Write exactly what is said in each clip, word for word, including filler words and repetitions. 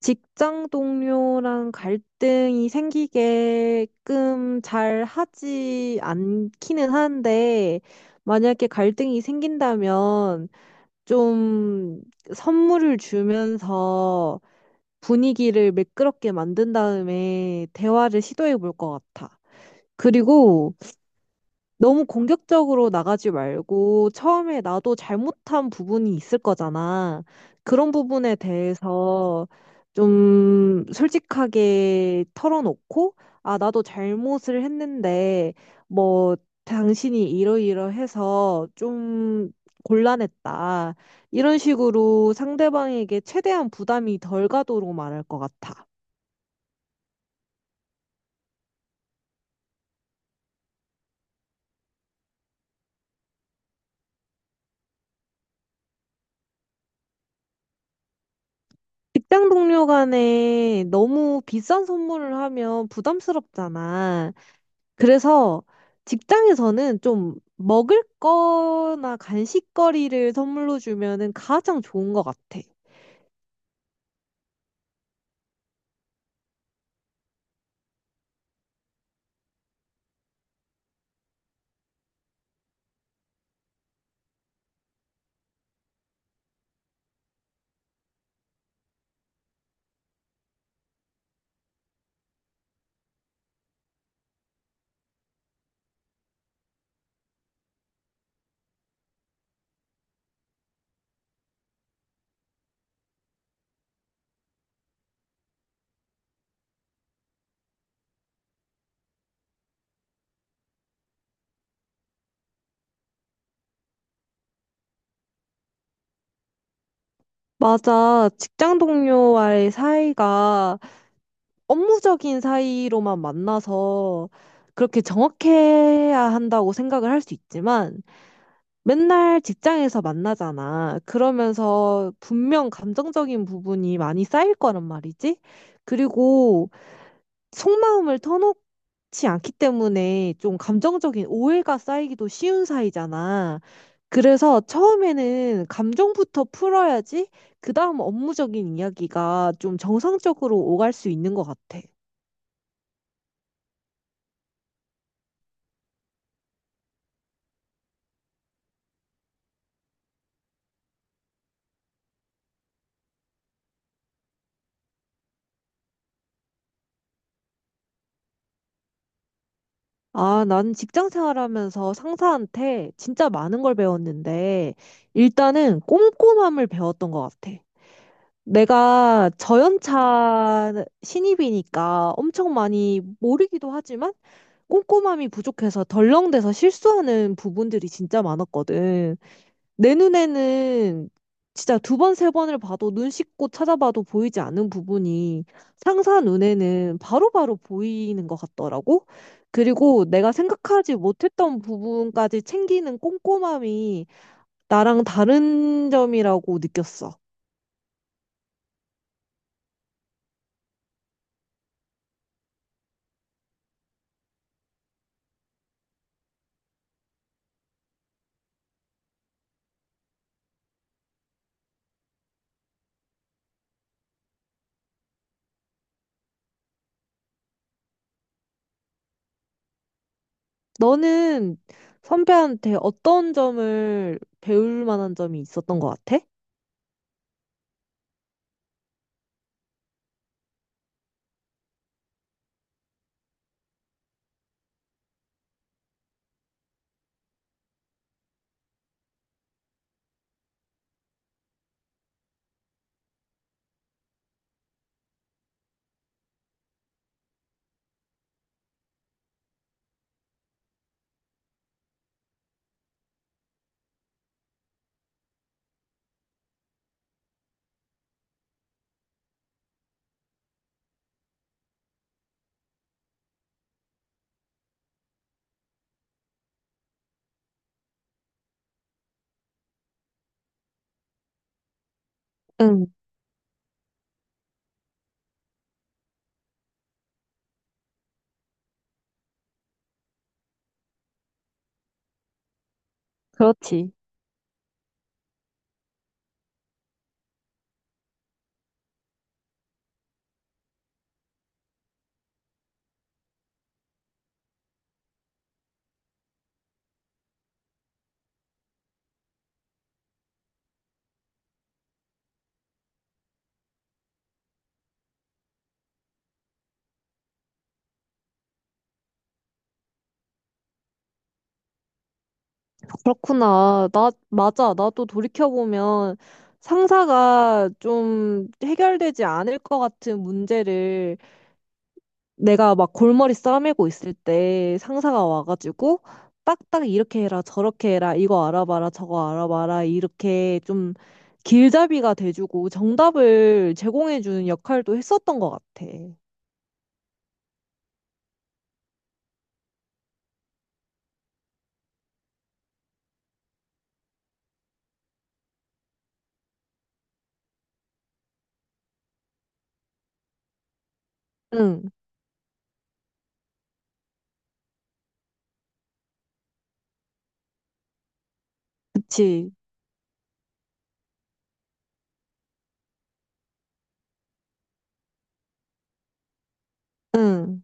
직장 동료랑 갈등이 생기게끔 잘 하지 않기는 한데, 만약에 갈등이 생긴다면 좀 선물을 주면서 분위기를 매끄럽게 만든 다음에 대화를 시도해 볼 것 같아. 그리고 너무 공격적으로 나가지 말고 처음에 나도 잘못한 부분이 있을 거잖아. 그런 부분에 대해서 좀 솔직하게 털어놓고, 아, 나도 잘못을 했는데, 뭐, 당신이 이러이러해서 좀 곤란했다. 이런 식으로 상대방에게 최대한 부담이 덜 가도록 말할 것 같아. 직장 동료 간에 너무 비싼 선물을 하면 부담스럽잖아. 그래서 직장에서는 좀 먹을 거나 간식거리를 선물로 주면은 가장 좋은 것 같아. 맞아. 직장 동료와의 사이가 업무적인 사이로만 만나서 그렇게 정확해야 한다고 생각을 할 수 있지만 맨날 직장에서 만나잖아. 그러면서 분명 감정적인 부분이 많이 쌓일 거란 말이지. 그리고 속마음을 터놓지 않기 때문에 좀 감정적인 오해가 쌓이기도 쉬운 사이잖아. 그래서 처음에는 감정부터 풀어야지 그다음 업무적인 이야기가 좀 정상적으로 오갈 수 있는 것 같아. 아, 난 직장 생활하면서 상사한테 진짜 많은 걸 배웠는데 일단은 꼼꼼함을 배웠던 것 같아. 내가 저연차 신입이니까 엄청 많이 모르기도 하지만 꼼꼼함이 부족해서 덜렁대서 실수하는 부분들이 진짜 많았거든. 내 눈에는 진짜 두 번, 세 번을 봐도 눈 씻고 찾아봐도 보이지 않은 부분이 상사 눈에는 바로바로 보이는 것 같더라고. 그리고 내가 생각하지 못했던 부분까지 챙기는 꼼꼼함이 나랑 다른 점이라고 느꼈어. 너는 선배한테 어떤 점을 배울 만한 점이 있었던 것 같아? 응, 그렇지. 그렇구나. 나, 맞아. 나도 돌이켜보면 상사가 좀 해결되지 않을 것 같은 문제를 내가 막 골머리 싸매고 있을 때 상사가 와가지고 딱딱 이렇게 해라, 저렇게 해라, 이거 알아봐라, 저거 알아봐라, 이렇게 좀 길잡이가 돼주고 정답을 제공해주는 역할도 했었던 것 같아. 응, 그치. 응.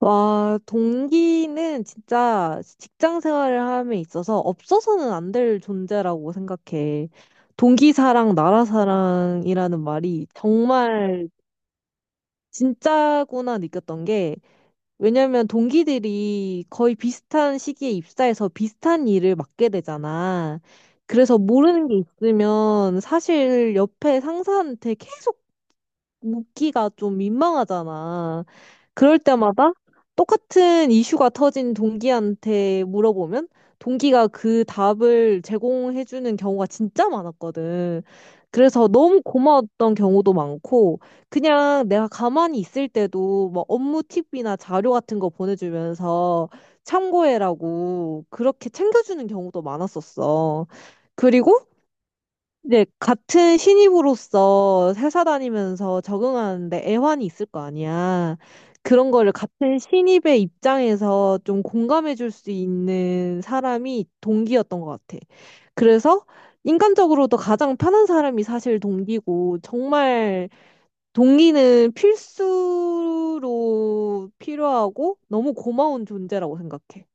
와, 동기는 진짜 직장 생활을 함에 있어서 없어서는 안 될 존재라고 생각해. 동기사랑 나라사랑이라는 말이 정말 진짜구나 느꼈던 게, 왜냐면 동기들이 거의 비슷한 시기에 입사해서 비슷한 일을 맡게 되잖아. 그래서 모르는 게 있으면 사실 옆에 상사한테 계속 묻기가 좀 민망하잖아. 그럴 때마다 똑같은 이슈가 터진 동기한테 물어보면 동기가 그 답을 제공해주는 경우가 진짜 많았거든. 그래서 너무 고마웠던 경우도 많고, 그냥 내가 가만히 있을 때도 막 업무 팁이나 자료 같은 거 보내주면서 참고해라고 그렇게 챙겨주는 경우도 많았었어. 그리고 이제 같은 신입으로서 회사 다니면서 적응하는데 애환이 있을 거 아니야. 그런 거를 같은 신입의 입장에서 좀 공감해 줄 수 있는 사람이 동기였던 것 같아. 그래서 인간적으로도 가장 편한 사람이 사실 동기고, 정말 동기는 필수로 필요하고 너무 고마운 존재라고 생각해.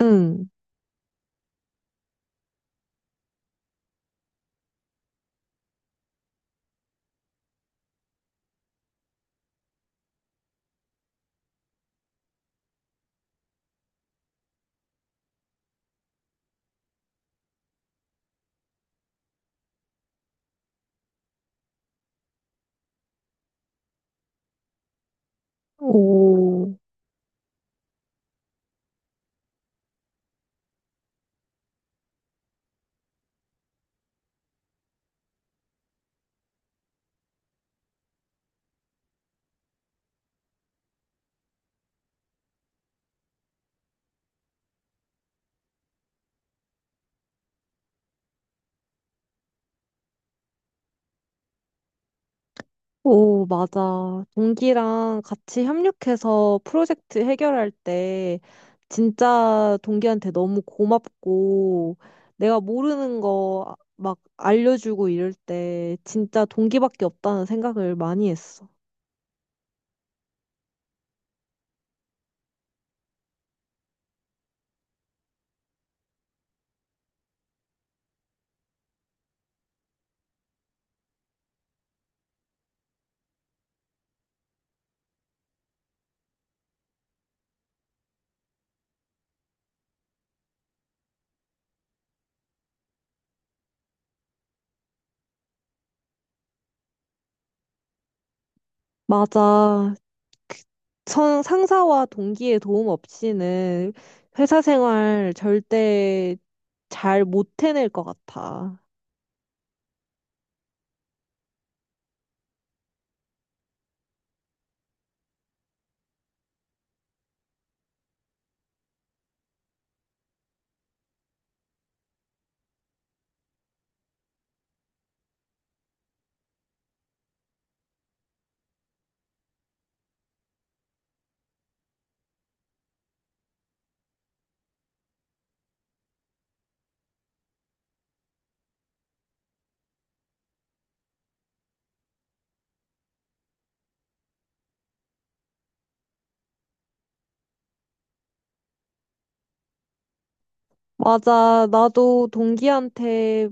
응. 오. 오, 맞아. 동기랑 같이 협력해서 프로젝트 해결할 때 진짜 동기한테 너무 고맙고 내가 모르는 거 막 알려주고 이럴 때 진짜 동기밖에 없다는 생각을 많이 했어. 맞아. 그 선- 상사와 동기의 도움 없이는 회사 생활 절대 잘 못 해낼 것 같아. 맞아. 나도 동기한테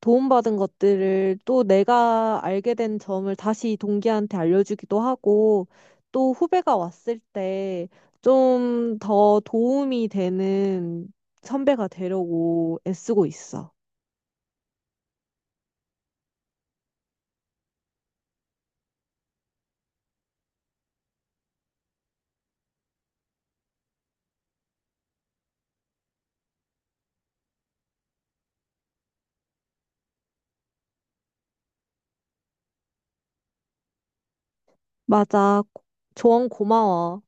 도움받은 것들을 또 내가 알게 된 점을 다시 동기한테 알려주기도 하고 또 후배가 왔을 때 좀 더 도움이 되는 선배가 되려고 애쓰고 있어. 맞아. 조언 고마워.